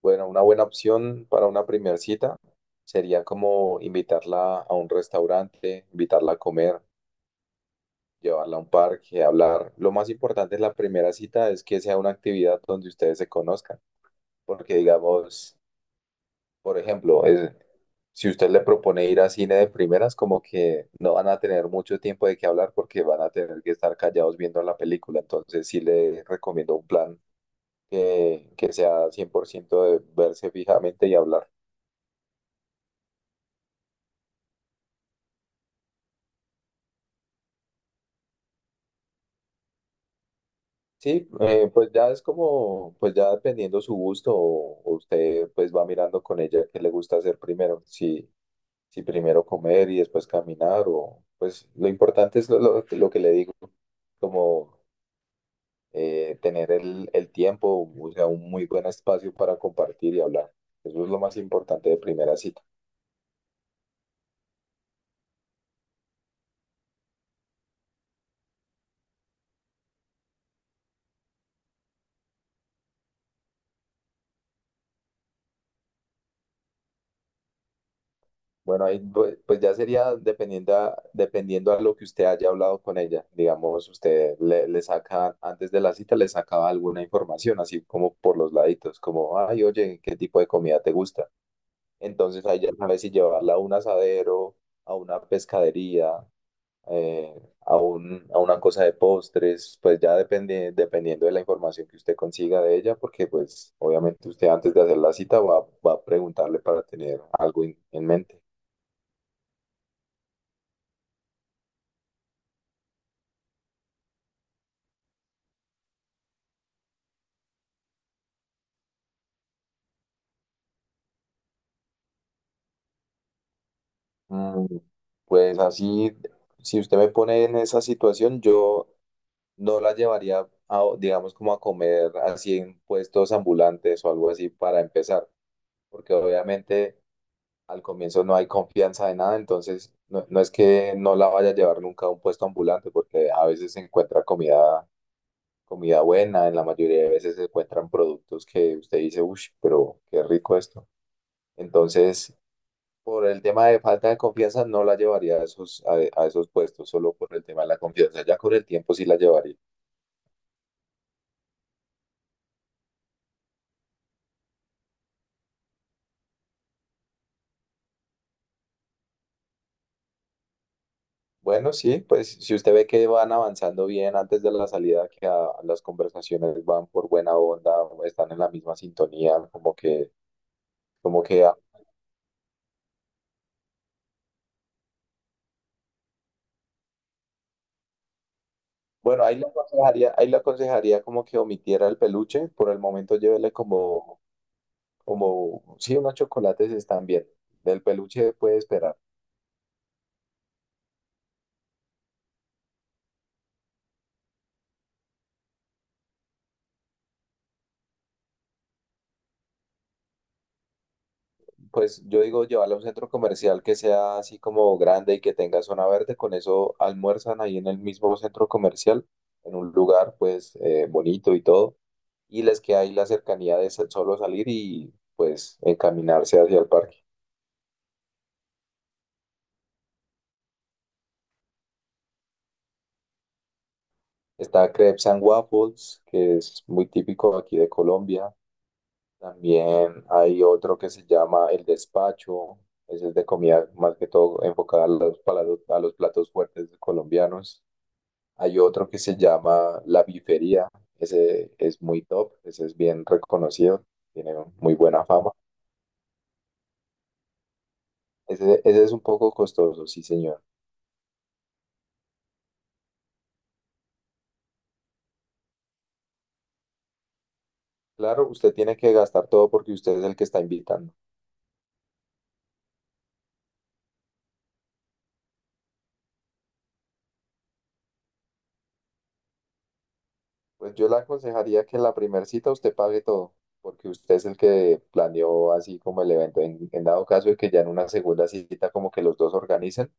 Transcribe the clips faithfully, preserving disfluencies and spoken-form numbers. Bueno, una buena opción para una primera cita sería como invitarla a un restaurante, invitarla a comer, llevarla a un parque, hablar. Lo más importante en la primera cita es que sea una actividad donde ustedes se conozcan, porque digamos, por ejemplo, es- si usted le propone ir a cine de primeras, como que no van a tener mucho tiempo de qué hablar porque van a tener que estar callados viendo la película. Entonces sí le recomiendo un plan que, que sea cien por ciento de verse fijamente y hablar. Sí, eh, pues ya es como, pues ya dependiendo su gusto, o, o usted pues va mirando con ella qué le gusta hacer primero, si, si primero comer y después caminar, o pues lo importante es lo, lo- lo que le digo, como eh, tener el, el tiempo, o sea, un muy buen espacio para compartir y hablar. Eso es lo más importante de primera cita. Bueno, ahí pues pues ya sería dependiendo a, dependiendo a lo que usted haya hablado con ella. Digamos, usted le, le saca, antes de la cita, le sacaba alguna información, así como por los laditos, como, ay, oye, ¿qué tipo de comida te gusta? Entonces ahí ya sabe si llevarla a un asadero, a una pescadería, eh, a un, a una cosa de postres, pues ya depende, dependiendo de la información que usted consiga de ella, porque pues obviamente usted antes de hacer la cita va, va a preguntarle para tener algo en en mente. Mm, Pues así, si usted me pone en esa situación, yo no la llevaría a, digamos, como a comer así en puestos ambulantes o algo así para empezar, porque obviamente al comienzo no hay confianza de nada, entonces no, no es que no la vaya a llevar nunca a un puesto ambulante, porque a veces se encuentra comida, comida buena, en la mayoría de veces se encuentran productos que usted dice, uff, pero qué rico esto. Entonces por el tema de falta de confianza no la llevaría a esos, a, a esos puestos, solo por el tema de la confianza. Ya con el tiempo sí la llevaría. Bueno, sí, pues si usted ve que van avanzando bien antes de la salida, que a- las conversaciones van por buena onda, están en la misma sintonía, como que, como que, ah, bueno, ahí le aconsejaría, ahí le aconsejaría como que omitiera el peluche, por el momento llévele como, como, sí, unos chocolates están bien, del peluche puede esperar. Pues yo digo llevarla a un centro comercial que sea así como grande y que tenga zona verde, con eso almuerzan ahí en el mismo centro comercial, en un lugar pues eh, bonito y todo, y les queda ahí la cercanía de sa- solo salir y pues encaminarse hacia el parque. Está Crepes and Waffles, que es muy típico aquí de Colombia. También hay otro que se llama El Despacho, ese es de comida más que todo enfocada a los, palados- a los platos fuertes colombianos. Hay otro que se llama La Bifería. Ese es muy top, ese es bien reconocido, tiene muy buena fama. Ese, ese es un poco costoso, sí, señor. Claro, usted tiene que gastar todo porque usted es el que está invitando. Pues yo le aconsejaría que en la primera cita usted pague todo, porque usted es el que planeó así como el evento. En, en dado caso de que ya en una segunda cita como que los dos organicen,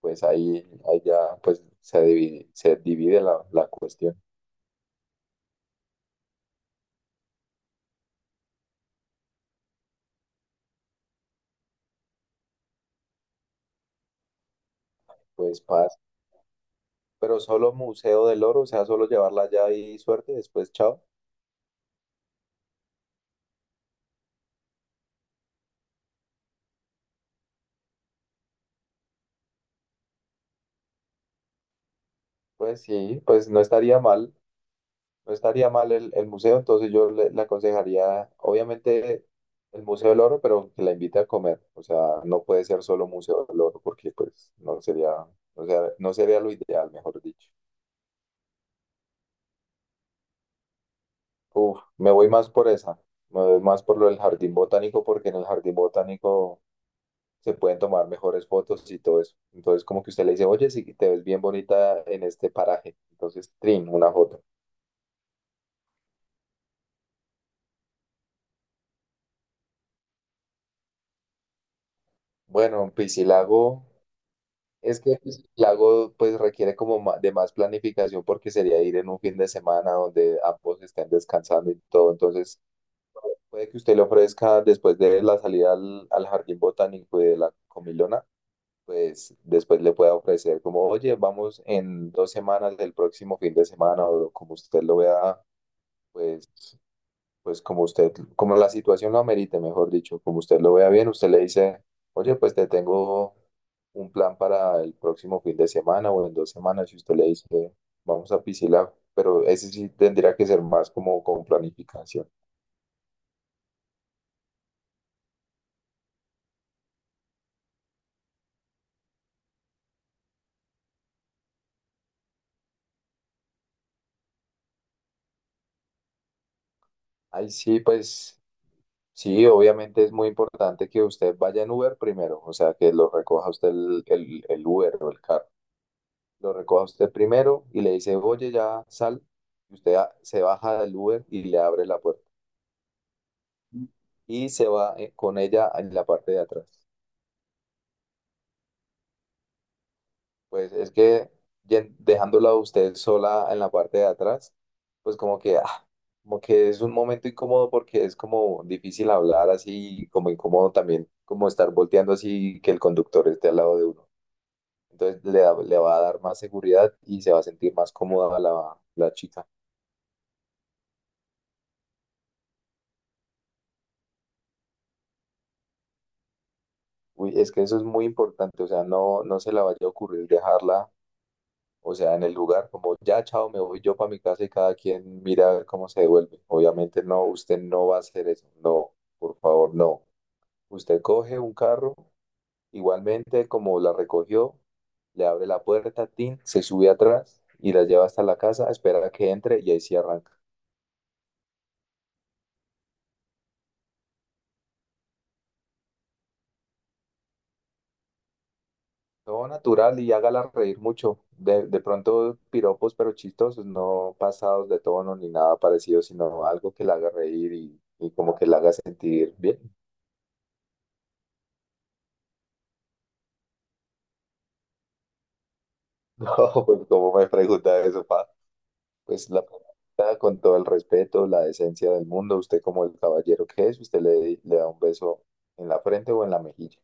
pues ahí, ahí ya pues se divide, se divide la, la cuestión. Pues paz. Pero solo Museo del Oro, o sea, solo llevarla allá y suerte, después chao. Pues sí, pues no estaría mal, no estaría mal el, el museo, entonces yo le, le aconsejaría, obviamente, el Museo del Oro, pero que la invite a comer, o sea, no puede ser solo Museo del Oro, porque pues no sería, o sea, no sería lo ideal, mejor dicho. Uf, me voy más por esa, me voy más por lo del jardín botánico, porque en el jardín botánico se pueden tomar mejores fotos y todo eso. Entonces, como que usted le dice, oye, sí, te ves bien bonita en este paraje. Entonces, trin, una foto. Bueno, Piscilago, es que Piscilago pues requiere como ma- de más planificación porque sería ir en un fin de semana donde ambos estén descansando y todo. Entonces, puede que usted le ofrezca después de la salida al, al jardín botánico y de la comilona, pues después le pueda ofrecer como, oye, vamos en dos semanas del próximo fin de semana o como usted lo vea pues pues como usted, como la situación lo amerite, mejor dicho, como usted lo vea bien, usted le dice, oye, pues te tengo un plan para el próximo fin de semana o en dos semanas, y usted le dice, vamos a Piscilab, pero ese sí tendría que ser más como con planificación. Ay sí, pues sí, obviamente es muy importante que usted vaya en Uber primero, o sea, que lo recoja usted el, el, el Uber o el carro, lo recoja usted primero y le dice, oye, ya sal, y usted a- se baja del Uber y le abre la puerta y se va eh, con ella en la parte de atrás. Pues es que yen- dejándola a usted sola en la parte de atrás, pues como que, ah, como que es un momento incómodo porque es como difícil hablar así, como incómodo también, como estar volteando así que el conductor esté al lado de uno. Entonces le, da- le va a dar más seguridad y se va a sentir más cómoda la, la chica. Uy, es que eso es muy importante, o sea, no, no se le vaya a ocurrir dejarla. O sea, en el lugar, como ya, chao, me voy yo para mi casa y cada quien mira a ver cómo se devuelve. Obviamente no, usted no va a hacer eso. No, por favor, no. Usted coge un carro, igualmente como la recogió, le abre la puerta, tin, se sube atrás y la lleva hasta la casa, espera a que entre y ahí sí arranca. Todo natural y hágala reír mucho. De, de pronto piropos, pero chistosos, no pasados de tono ni nada parecido, sino algo que la haga reír y, y como que la haga sentir bien. No, pues como me pregunta eso, pa, pues la pregunta con todo el respeto, la decencia del mundo, usted como el caballero que es, usted le, le da un beso en la frente o en la mejilla.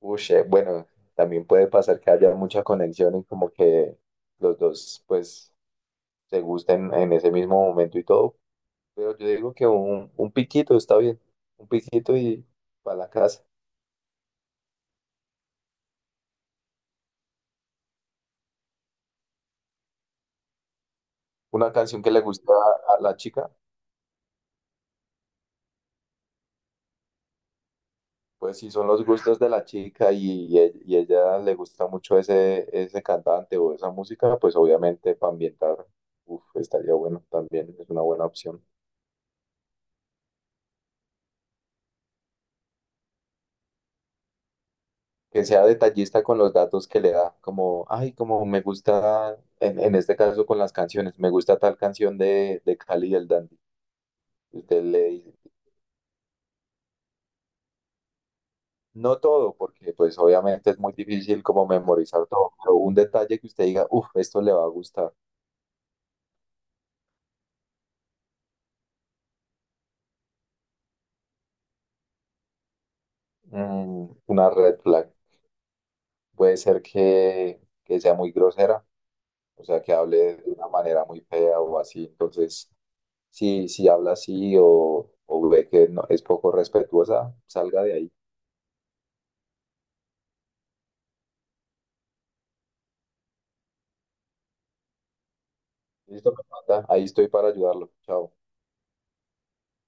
Uy, bueno, también puede pasar que haya mucha conexión y como que los dos pues se gusten en ese mismo momento y todo, pero yo digo que un, un piquito está bien, un piquito y para la casa. Una canción que le gusta a la chica. Pues si son los gustos de la chica y, y e- y ella le gusta mucho ese, ese cantante o esa música, pues obviamente para ambientar, uf, estaría bueno también, es una buena opción. Que sea detallista con los datos que le da, como, ay, como me gusta, en, en este caso con las canciones, me gusta tal canción de, de Cali y el Dandy. Y usted le dice, no todo, porque pues obviamente es muy difícil como memorizar todo, pero un detalle que usted diga, uff, esto le va a gustar. Mm, una red flag. Puede ser que, que sea muy grosera, o sea, que hable de una manera muy fea o así. Entonces, si, si habla así o, o ve que no, es poco respetuosa, salga de ahí. Listo, me manda. Ahí estoy para ayudarlo. Chao.